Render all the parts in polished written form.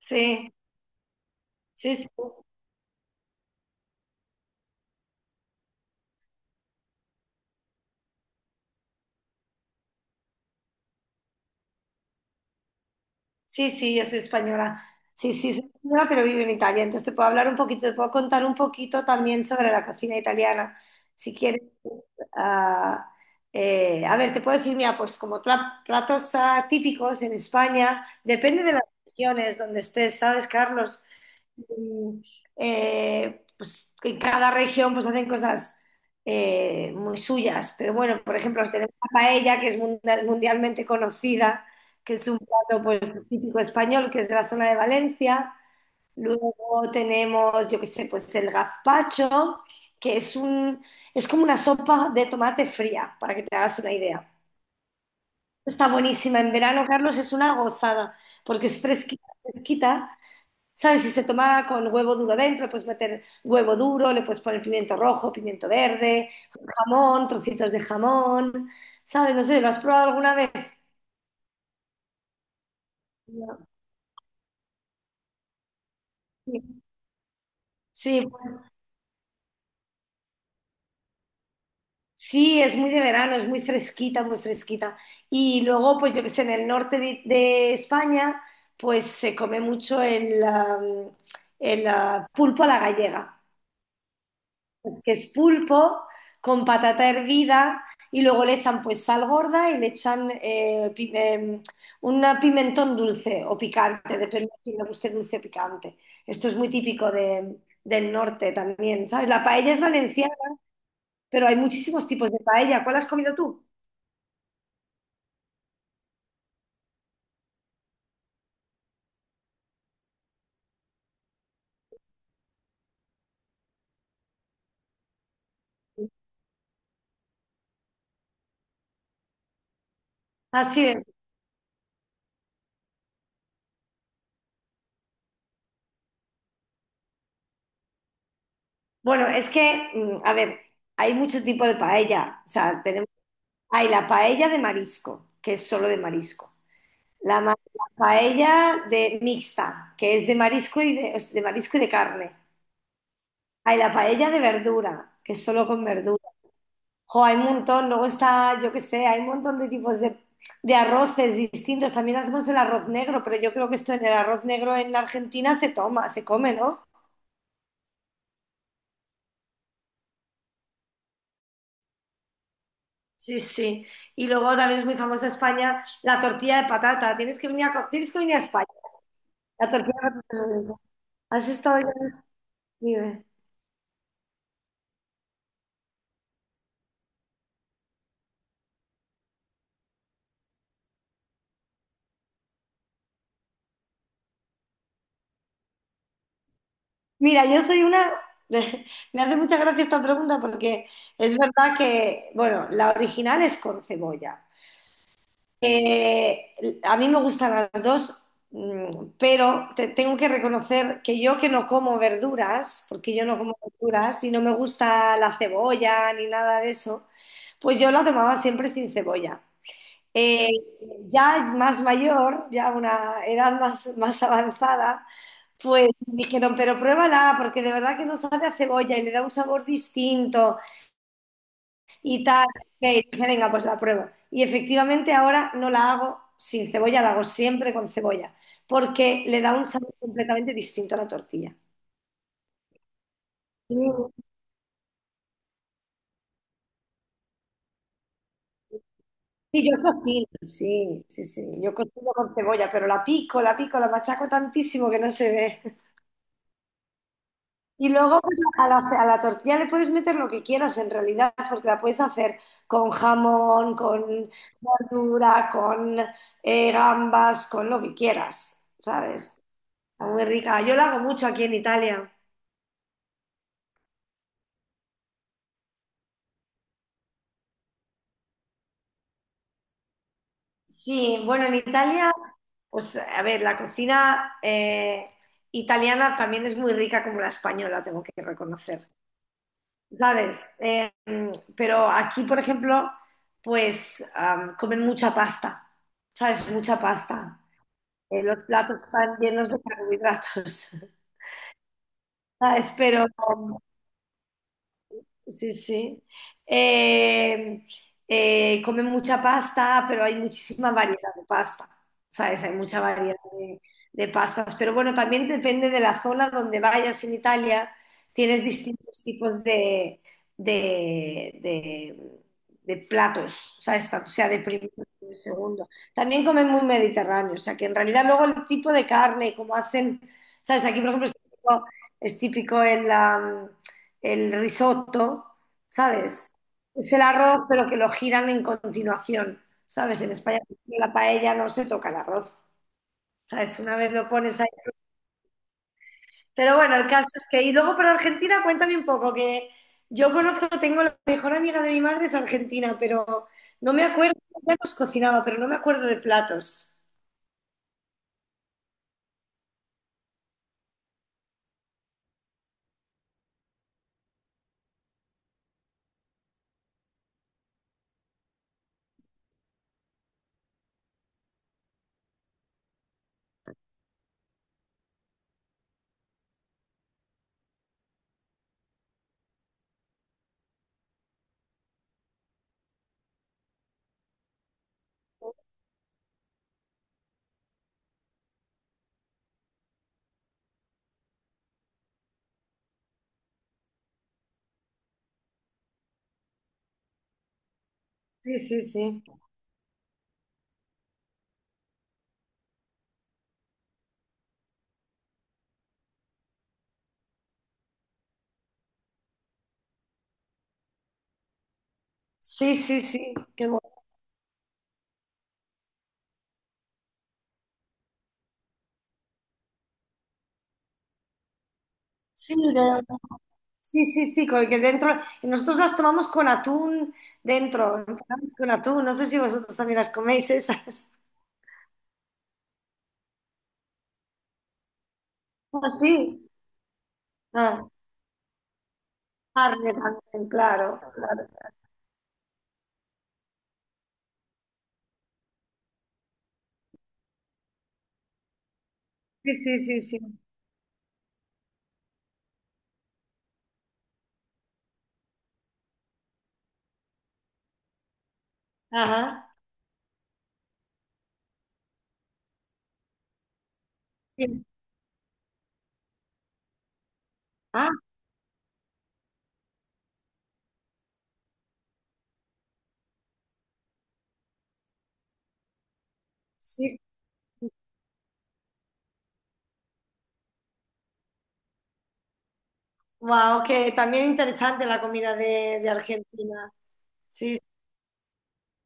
Sí, sí, sí. Sí, sí, yo soy española. Sí, sí, soy española, pero vivo en Italia. Entonces te puedo hablar un poquito, te puedo contar un poquito también sobre la cocina italiana. Si quieres, pues, ah, a ver, te puedo decir, mira, pues como platos típicos en España, depende de las regiones donde estés, ¿sabes, Carlos? Mm, pues en cada región pues hacen cosas muy suyas. Pero bueno, por ejemplo, tenemos la paella, que es mundialmente conocida, que es un... Claro, pues típico español, que es de la zona de Valencia. Luego tenemos, yo qué sé, pues el gazpacho, que es un, es como una sopa de tomate fría, para que te hagas una idea. Está buenísima. En verano, Carlos, es una gozada, porque es fresquita, fresquita. ¿Sabes? Si se toma con huevo duro dentro, puedes meter huevo duro, le puedes poner pimiento rojo, pimiento verde, jamón, trocitos de jamón. ¿Sabes? No sé, ¿lo has probado alguna vez? No. Sí. Sí, es muy de verano, es muy fresquita, muy fresquita. Y luego, pues yo que sé, en el norte de España, pues se come mucho el, am, el, ah, pulpo a la gallega. Pues que es pulpo con patata hervida y luego le echan pues sal gorda y le echan un pimentón dulce o picante, depende de si le guste dulce o picante. Esto es muy típico del norte también, ¿sabes? La paella es valenciana, pero hay muchísimos tipos de paella. ¿Cuál has comido tú? Así es. Bueno, es que, a ver, hay muchos tipos de paella. O sea, tenemos, hay la paella de marisco, que es solo de marisco. La, la paella de mixta, que es de marisco y de, es de marisco y de carne. Hay la paella de verdura, que es solo con verdura. Jo, hay un montón. Luego está, yo qué sé, hay un montón de tipos de arroces distintos. También hacemos el arroz negro, pero yo creo que esto en el arroz negro en Argentina se toma, se come, ¿no? Sí, sí. Y luego también es muy famosa España la tortilla de patata. Tienes que venir a, tienes que venir a España. La tortilla de patata es maravillosa. Has estado ya en... Dime. Mira, yo soy una... Me hace mucha gracia esta pregunta porque es verdad que, bueno, la original es con cebolla. Eh, a mí me gustan las dos, pero tengo que reconocer que yo, que no como verduras, porque yo no como verduras y no me gusta la cebolla ni nada de eso, pues yo la tomaba siempre sin cebolla. Eh, ya más mayor, ya una edad más, más avanzada, pues me dijeron, pero pruébala, porque de verdad que no sabe a cebolla y le da un sabor distinto y tal. Y dije, venga, pues la pruebo. Y efectivamente ahora no la hago sin cebolla, la hago siempre con cebolla, porque le da un sabor completamente distinto a la tortilla. Sí, sí, yo cocino, sí, sí, sí, yo cocino con cebolla, pero la pico, la pico, la machaco tantísimo que no se ve. Y luego pues, a la tortilla le puedes meter lo que quieras en realidad, porque la puedes hacer con jamón, con verdura, con gambas, con lo que quieras, ¿sabes? Está muy rica. Yo la hago mucho aquí en Italia. Sí, bueno, en Italia, pues a ver, la cocina italiana también es muy rica como la española, tengo que reconocer. ¿Sabes? Pero aquí, por ejemplo, pues comen mucha pasta, ¿sabes? Mucha pasta. Los platos están llenos de carbohidratos, ¿sabes? Pero, sí, sí. Eh, Come mucha pasta, pero hay muchísima variedad de pasta, ¿sabes? Hay mucha variedad de pastas. Pero bueno, también depende de la zona donde vayas en Italia, tienes distintos tipos de, de- de platos, ¿sabes? O sea, de primero y de segundo. También comen muy mediterráneo, o sea, que en realidad luego el tipo de carne, como hacen, ¿sabes? Aquí, por ejemplo, es típico en la el risotto, ¿sabes? Es el arroz, pero que lo giran en continuación, ¿sabes? En España, en la paella no se toca el arroz, ¿sabes? Una vez lo pones ahí. Pero bueno, el caso es que... Y luego para Argentina, cuéntame un poco, que yo conozco, tengo la mejor amiga de mi madre es argentina, pero no me acuerdo, ella nos cocinaba, pero no me acuerdo de platos. Sí, sí, sí. Sí, sí, sí, qué bueno. Sí, de... Sí, sí, sí, con el que dentro, nosotros las tomamos con atún dentro, empanadas con atún, no sé si vosotros también las coméis esas. Ah, sí, ah, carne también, claro, claro. Sí, sí, sí, sí. Ajá. Sí. Ah, sí. Wow, que también interesante la comida de Argentina. Sí,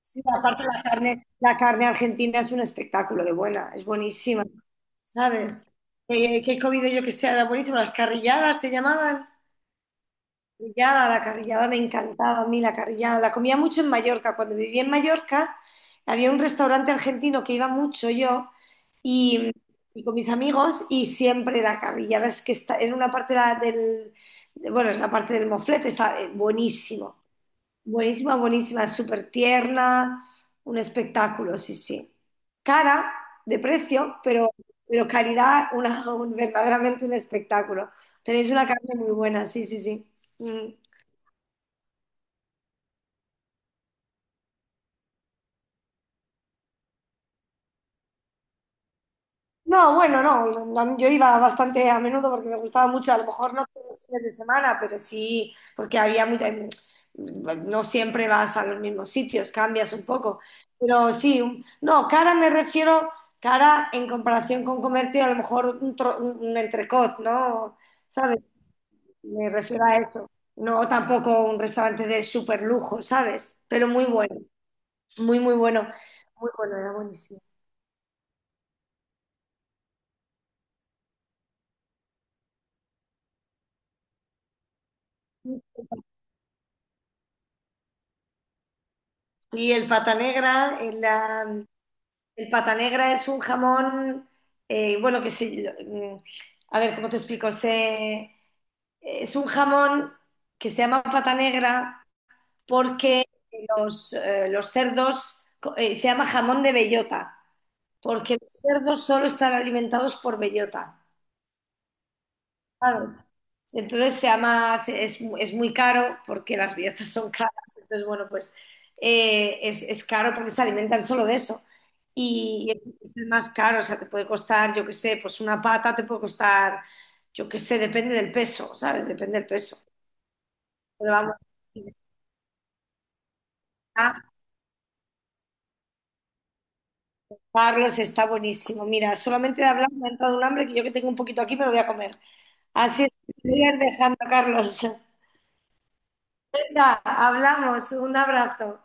sí, aparte la carne argentina es un espectáculo de buena, es buenísima, ¿sabes? Que he comido yo, que sea, era buenísimo, las carrilladas se llamaban. Carrillada, la carrillada me encantaba a mí, la carrillada. La comía mucho en Mallorca. Cuando vivía en Mallorca, había un restaurante argentino que iba mucho yo, y, y con mis amigos, y siempre la carrillada, es que está en una parte de bueno, es la parte del moflete, está buenísimo, buenísima, buenísima, súper tierna, un espectáculo, sí, sí. Cara de precio, pero calidad, una, verdaderamente un espectáculo. Tenéis una carne muy buena, sí, sí, sí. Mm. No, bueno, no, yo iba bastante a menudo porque me gustaba mucho, a lo mejor no todos los fines de semana, pero sí, porque había mucha... no siempre vas a los mismos sitios, cambias un poco, pero sí, no, cara me refiero, cara en comparación con comerte a lo mejor un, un entrecot, ¿no? ¿Sabes? Me refiero a eso, no tampoco un restaurante de súper lujo, ¿sabes? Pero muy bueno, muy, muy bueno, muy bueno, era buenísimo. Y el pata negra. El pata negra es un jamón, bueno, a ver, ¿cómo te explico? Es un jamón que se llama pata negra porque los cerdos, se llama jamón de bellota, porque los cerdos solo están alimentados por bellota. ¿Sabes? Entonces sea más, es muy caro porque las billetas son caras, entonces bueno, pues es caro porque se alimentan solo de eso y es más caro, o sea, te puede costar, yo qué sé, pues una pata te puede costar, yo qué sé, depende del peso, ¿sabes? Depende del peso. Pero vamos, está... Carlos, está buenísimo. Mira, solamente de hablar me ha entrado un hambre que yo que tengo un poquito aquí me lo voy a comer. Así es, te voy a ir dejando, Carlos. Venga, hablamos, un abrazo.